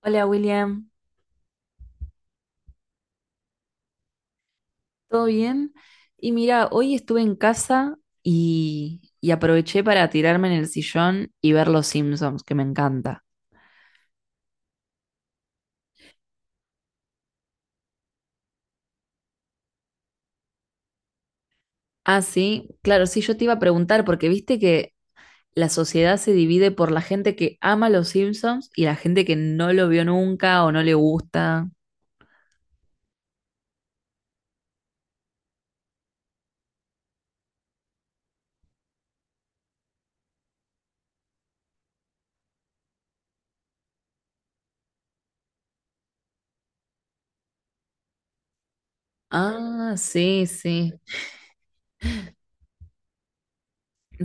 Hola William, ¿todo bien? Y mira, hoy estuve en casa y aproveché para tirarme en el sillón y ver Los Simpsons, que me encanta. Ah, sí, claro, sí, yo te iba a preguntar, porque viste que la sociedad se divide por la gente que ama Los Simpsons y la gente que no lo vio nunca o no le gusta. Ah, sí, sí,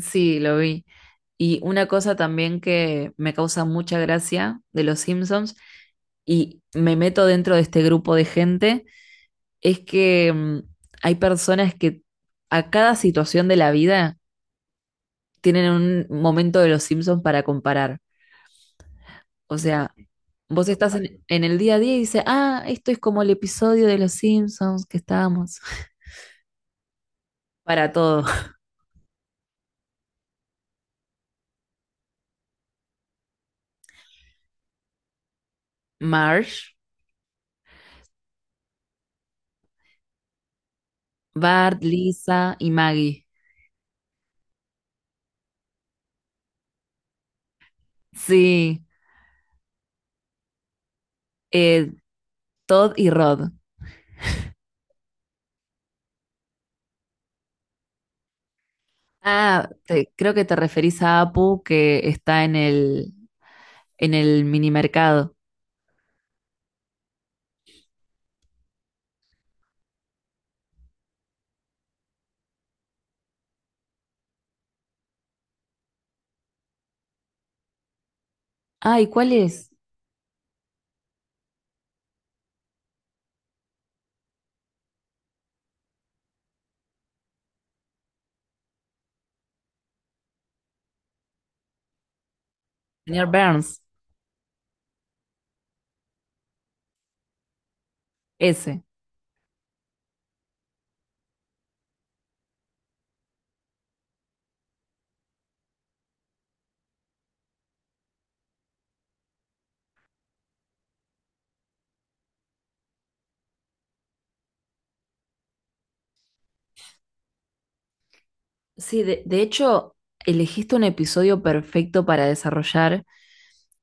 sí, lo vi. Y una cosa también que me causa mucha gracia de Los Simpsons, y me meto dentro de este grupo de gente, es que hay personas que a cada situación de la vida tienen un momento de los Simpsons para comparar. O sea, vos estás en el día a día y dices, ah, esto es como el episodio de los Simpsons que estábamos. Para todo. Marge, Bart, Lisa y Maggie. Sí, eh, Todd y Rod. Ah, creo que te referís a Apu que está en en el mini mercado. Ay, ¿cuál es? Señor Burns, ese. Sí, de hecho, elegiste un episodio perfecto para desarrollar,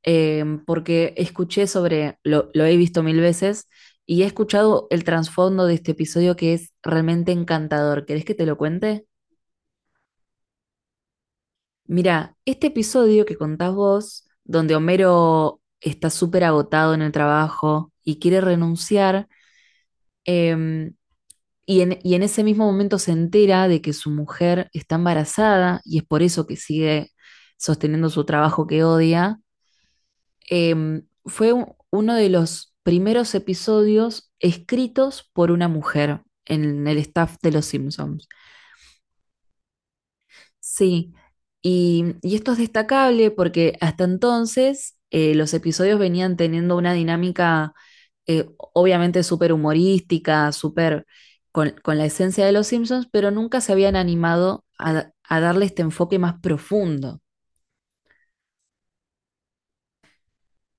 porque escuché lo he visto mil veces, y he escuchado el trasfondo de este episodio que es realmente encantador. ¿Querés que te lo cuente? Mira, este episodio que contás vos, donde Homero está súper agotado en el trabajo y quiere renunciar, em, y y en ese mismo momento se entera de que su mujer está embarazada y es por eso que sigue sosteniendo su trabajo que odia. Em, uno de los primeros episodios escritos por una mujer en el staff de Los Simpsons. Sí, y esto es destacable porque hasta entonces los episodios venían teniendo una dinámica obviamente súper humorística, súper con la esencia de los Simpsons, pero nunca se habían animado a darle este enfoque más profundo.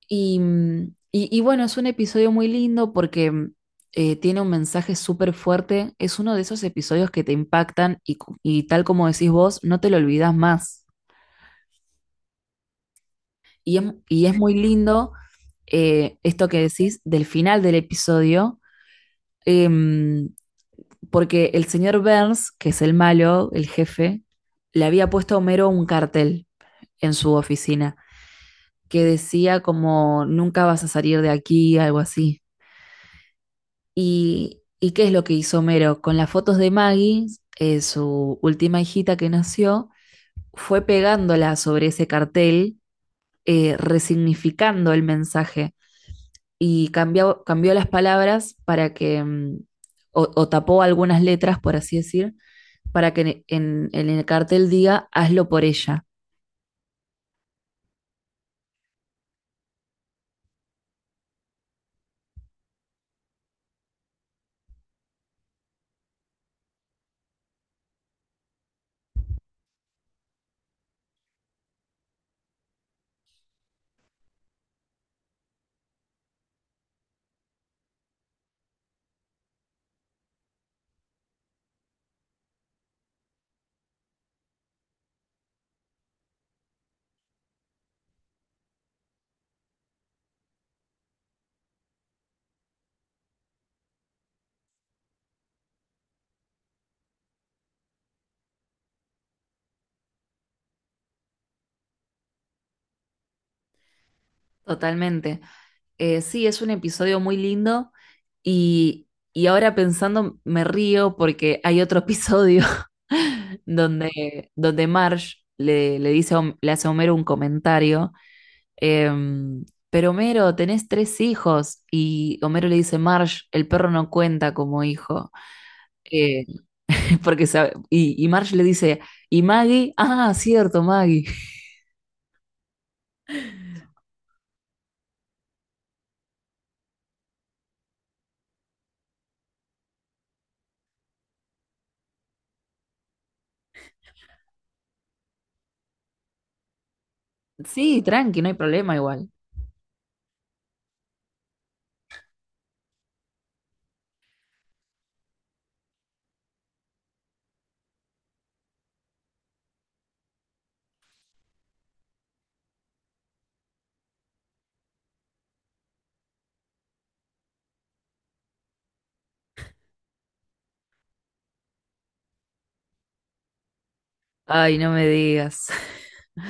Y, y bueno, es un episodio muy lindo porque tiene un mensaje súper fuerte, es uno de esos episodios que te impactan y, y tal como decís vos, no te lo olvidas más. Y es, y es muy lindo esto que decís del final del episodio, em, porque el señor Burns, que es el malo, el jefe, le había puesto a Homero un cartel en su oficina que decía como nunca vas a salir de aquí, algo así. Y qué es lo que hizo Homero? Con las fotos de Maggie, su última hijita que nació, fue pegándola sobre ese cartel, resignificando el mensaje y cambió las palabras para que, o tapó algunas letras, por así decir, para que en el cartel diga, hazlo por ella. Totalmente. Sí, es un episodio muy lindo y, y ahora pensando me río porque hay otro episodio donde Marge le dice, le hace a Homero un comentario, em, pero Homero, tenés tres hijos y Homero le dice, Marge, el perro no cuenta como hijo. Eh, y Marge le dice, ¿y Maggie? Ah, cierto, Maggie. Sí, tranqui, no hay problema igual. Ay, no me digas.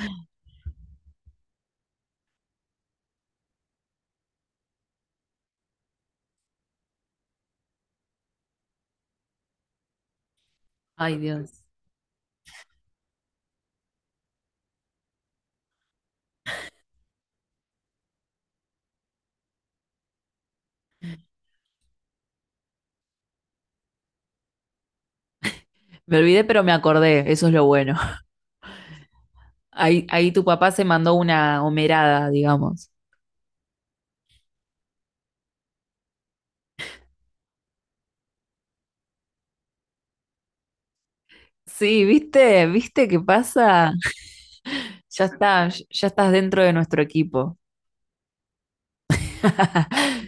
Ay, Dios. Me olvidé, pero me acordé, eso es lo bueno. Ahí tu papá se mandó una homerada, digamos. Sí, ¿viste? ¿Viste qué pasa? Ya está, ya estás dentro de nuestro equipo.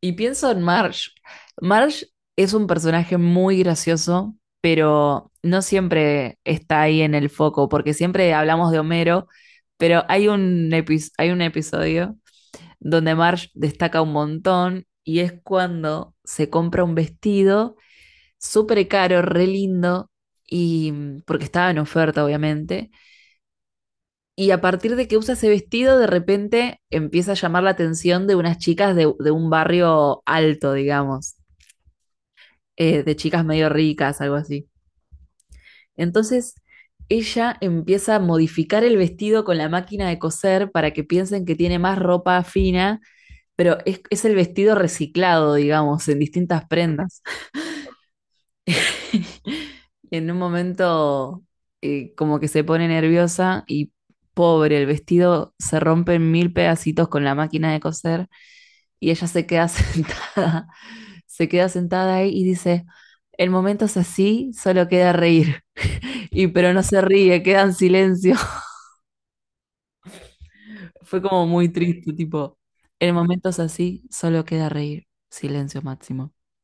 Y pienso en Marge. Marge es un personaje muy gracioso, pero no siempre está ahí en el foco, porque siempre hablamos de Homero, pero hay un, hay un episodio donde Marge destaca un montón y es cuando se compra un vestido súper caro, re lindo, y porque estaba en oferta, obviamente. Y a partir de que usa ese vestido, de repente empieza a llamar la atención de unas chicas de un barrio alto, digamos. Eh, de chicas medio ricas, algo así. Entonces, ella empieza a modificar el vestido con la máquina de coser para que piensen que tiene más ropa fina, pero es el vestido reciclado, digamos, en distintas prendas. Y en un momento, como que se pone nerviosa y pobre, el vestido se rompe en mil pedacitos con la máquina de coser y ella se queda sentada, se queda sentada ahí y dice, el momento es así, solo queda reír. Y pero no se ríe, queda en silencio. Fue como muy triste, tipo, en momentos así solo queda reír. Silencio máximo.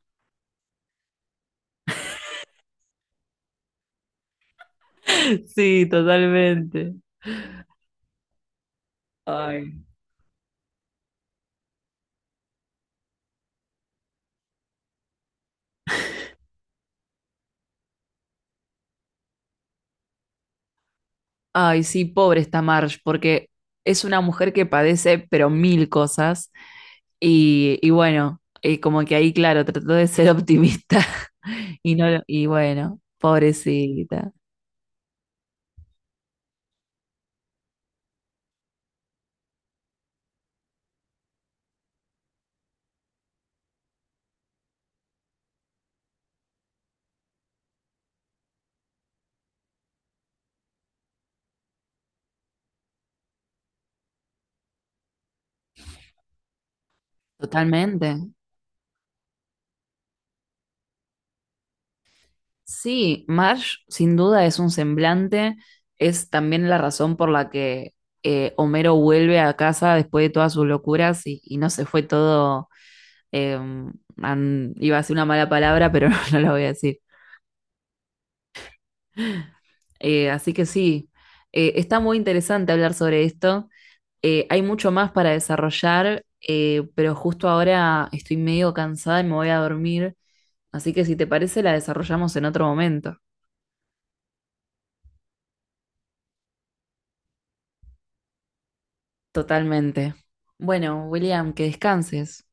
Sí, totalmente. Ay. Ay, sí, pobre esta Marge, porque es una mujer que padece, pero mil cosas. Y bueno, y como que ahí, claro, trató de ser optimista. Y no, y bueno, pobrecita. Totalmente. Sí, Marge sin duda es un semblante, es también la razón por la que Homero vuelve a casa después de todas sus locuras y no se fue todo, eh, iba a decir una mala palabra, pero no la voy a decir. Así que sí, está muy interesante hablar sobre esto. Hay mucho más para desarrollar, pero justo ahora estoy medio cansada y me voy a dormir, así que si te parece la desarrollamos en otro momento. Totalmente. Bueno, William, que descanses.